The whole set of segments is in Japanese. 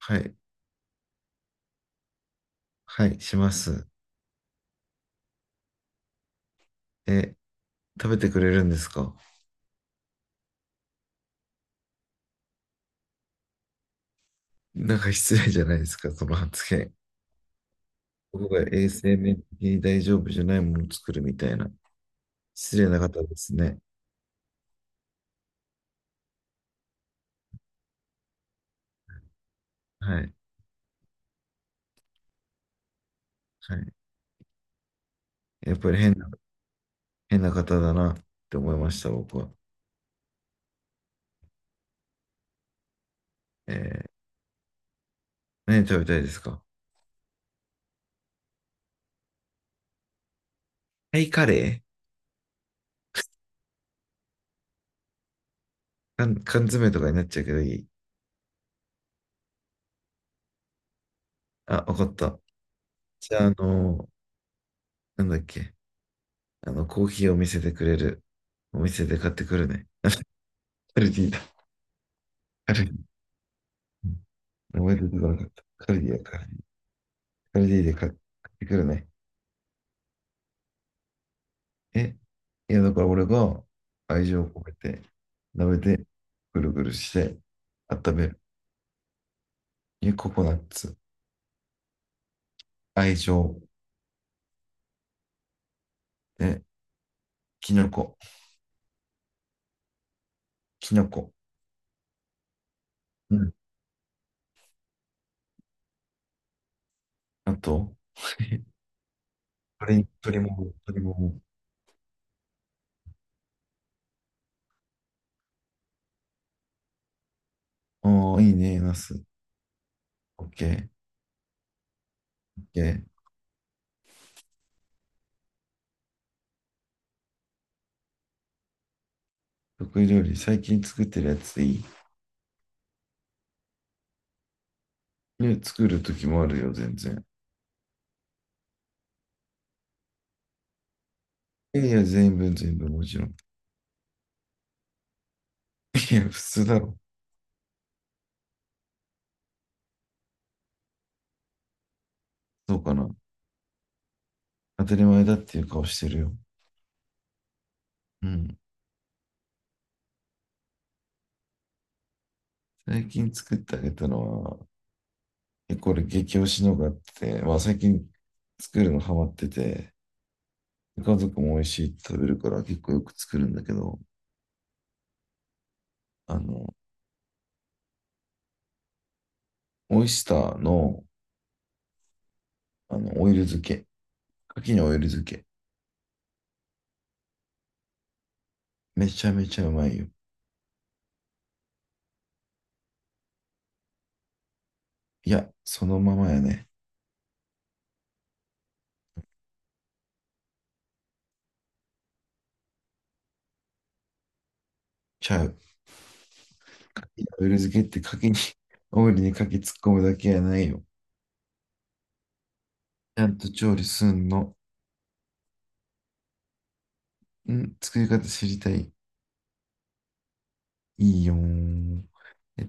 はい。はい、します。え、食べてくれるんですか？なんか失礼じゃないですか、その発言。僕が衛生面的に大丈夫じゃないものを作るみたいな。失礼な方ですね。はい。はい。やっぱり変な方だなって思いました、僕は。えー何食べたいですか？タイカレー。缶詰とかになっちゃうけどいい？あ、わかった。じゃあ、なんだっけ。コーヒーを見せてくれる。お店で買ってくるね。あ、カルディだ。カル名前出てこなかった。カルディアから。カルディで買ってくるね。え、いや、だから俺が愛情を込めて、舐めて、ぐるぐるして、温める。え、ココナッツ、愛情、え、キノコ、キノコ。うん。あと、鶏、鶏もも、鶏もも。ああ、いいね、ナス。オッケー、オッケー。得意料理、最近作ってるやつでいい？ね、作る時もあるよ、全然。いやいや、全部、全部、もちろん。いや、普通だろ。そうかな。当たり前だっていう顔してるよ。うん。最近作ってあげたのは、これ激推しのがあって、まあ最近作るのハマってて、家族も美味しいって食べるから結構よく作るんだけど、あの、オイスターの、オイル漬け。牡蠣のオイル漬け。めちゃめちゃうまいよ。いや、そのままやね。ちゃう。牡蠣のオイル漬けって牡蠣に、オイルに牡蠣突っ込むだけやないよ。ちゃんと調理すんの。うん、作り方知りたい。いいよー。えっ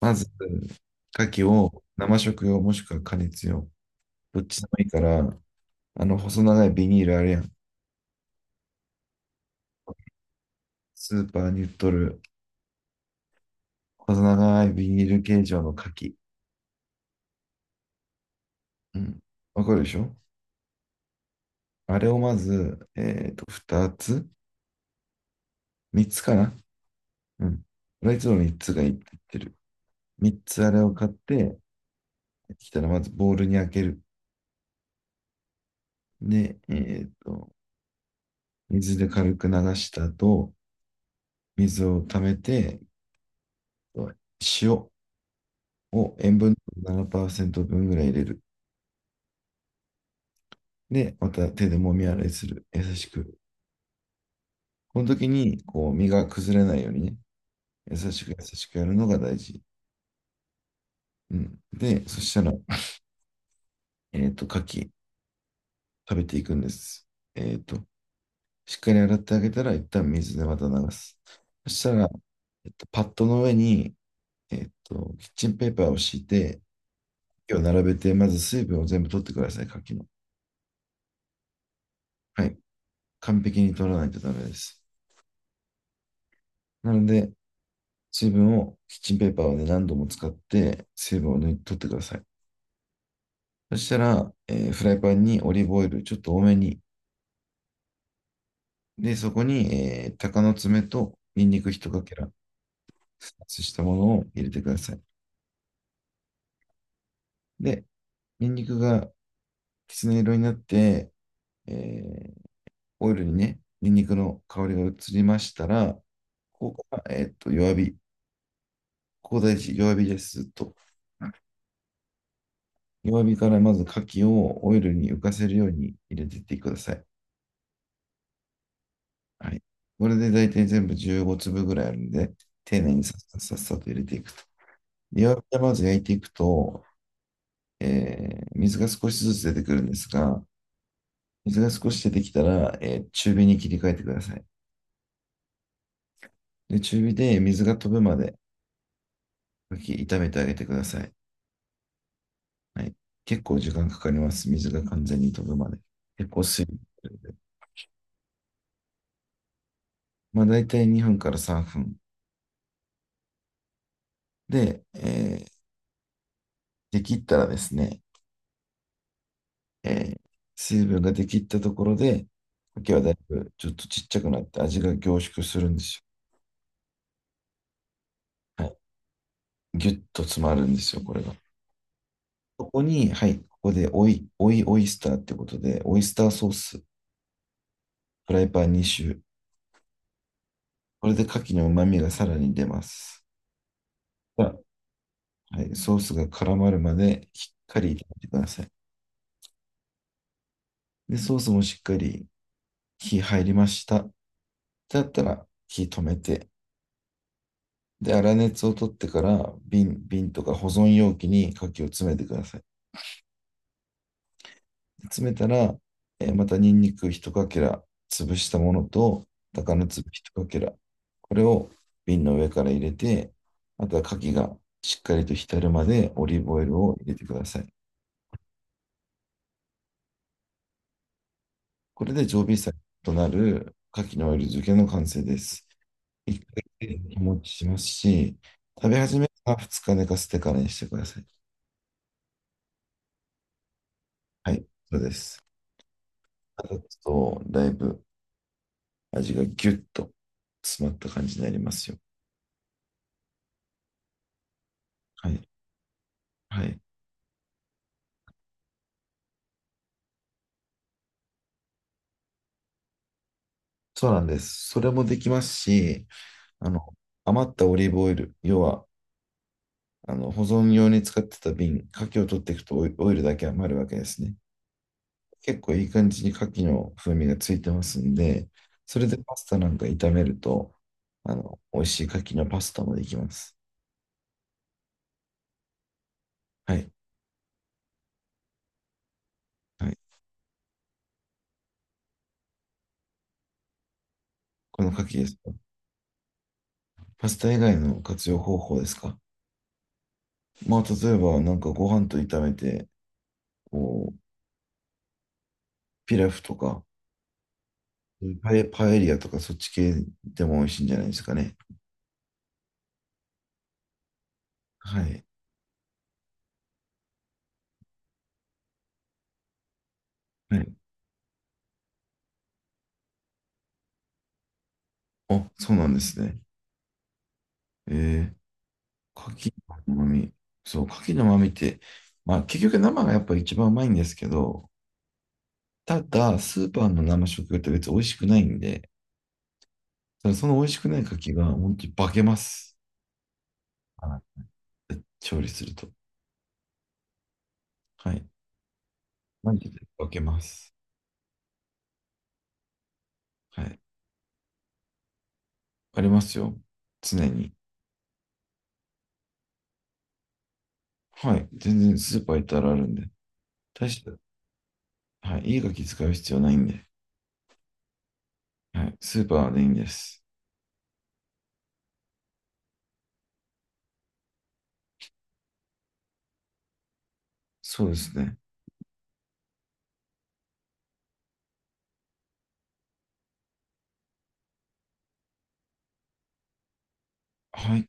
まず、牡蠣を生食用もしくは加熱用。どっちでもいいから、あの細長いビニールあるやん。スーパーに売っとる細長いビニール形状の牡蠣。うん。わかるでしょ？あれをまず、2つ、 3 つかな。うん。俺はいつも3つがいいって言ってる。3つあれを買ってきたらまずボウルに開ける。で、水で軽く流した後、水を溜めて、塩を塩分7%分ぐらい入れる。で、また手で揉み洗いする。優しく。この時に、こう、身が崩れないようにね、優しく優しくやるのが大事。うん。で、そしたら、牡蠣食べていくんです。えっと、しっかり洗ってあげたら、一旦水でまた流す。そしたら、パッドの上に、キッチンペーパーを敷いて、を並べて、まず水分を全部取ってください、牡蠣の。はい。完璧に取らないとダメです。なので、水分をキッチンペーパーをね、何度も使って水分を抜い取ってください。そしたら、フライパンにオリーブオイルちょっと多めに。で、そこに、鷹の爪とニンニク一かけら、スライスしたものを入れてください。で、ニンニクがきつね色になって、えーオイルにね、ニンニクの香りが移りましたら、ここから、弱火。ここ大事、弱火です。と。弱火からまず牡蠣をオイルに浮かせるように入れていってください。はい。これで大体全部15粒ぐらいあるんで、丁寧にさっさっさっさと入れていくと。弱火でまず焼いていくと、水が少しずつ出てくるんですが、水が少し出てきたら、中火に切り替えてください。で、中火で水が飛ぶまで、かき炒めてあげてください。はい。結構時間かかります。水が完全に飛ぶまで。結構水分が出るんで。まあ、大体2分から3分。で、できったらですね、えー水分が出きったところで、牡蠣はだいぶちょっとちっちゃくなって味が凝縮するんですよ。はい。ギュッと詰まるんですよ、これが。ここに、はい、ここでオイスターってことで、オイスターソース、フライパン2周。これで牡蠣の旨味がさらに出ます。がはい、ソースが絡まるまでしっかり炒めてください。で、ソースもしっかり火入りました。だったら火止めて、で、粗熱を取ってから瓶とか保存容器に牡蠣を詰めてください。詰めたら、またニンニク一かけら潰したものと、鷹の粒一かけら、これを瓶の上から入れて、あとは牡蠣がしっかりと浸るまでオリーブオイルを入れてください。これで常備菜となる牡蠣のオイル漬けの完成です。1回で日持ちしますし、食べ始めたら2日寝かせてからにしてください。はい、そうです。あと、だいぶ味がギュッと詰まった感じになりますよ。はい。はい。そうなんです。それもできますし、あの、余ったオリーブオイル、要は、保存用に使ってた瓶、牡蠣を取っていくとオイオイルだけ余るわけですね。結構いい感じに牡蠣の風味がついてますんで、それでパスタなんか炒めると、美味しい牡蠣のパスタもできます。はい。はい。この牡蠣ですか？パスタ以外の活用方法ですか？まあ、例えば、なんかご飯と炒めて、こう、ピラフとか、パエリアとか、そっち系でも美味しいんじゃないですかね。はい。はい。あ、そうなんですね。え牡蠣の旨味。そう、牡蠣の旨味って、まあ結局生がやっぱ一番うまいんですけど、ただ、スーパーの生食用って別に美味しくないんで、ただその美味しくない牡蠣が本当に化けます。あ、調理すると。はい。マジで化けます。はい。ありますよ。常に。はい。全然スーパー行ったらあるんで。大したはい。いいガキ使う必要ないんで。はい。スーパーでいいんです。そうですね。はい。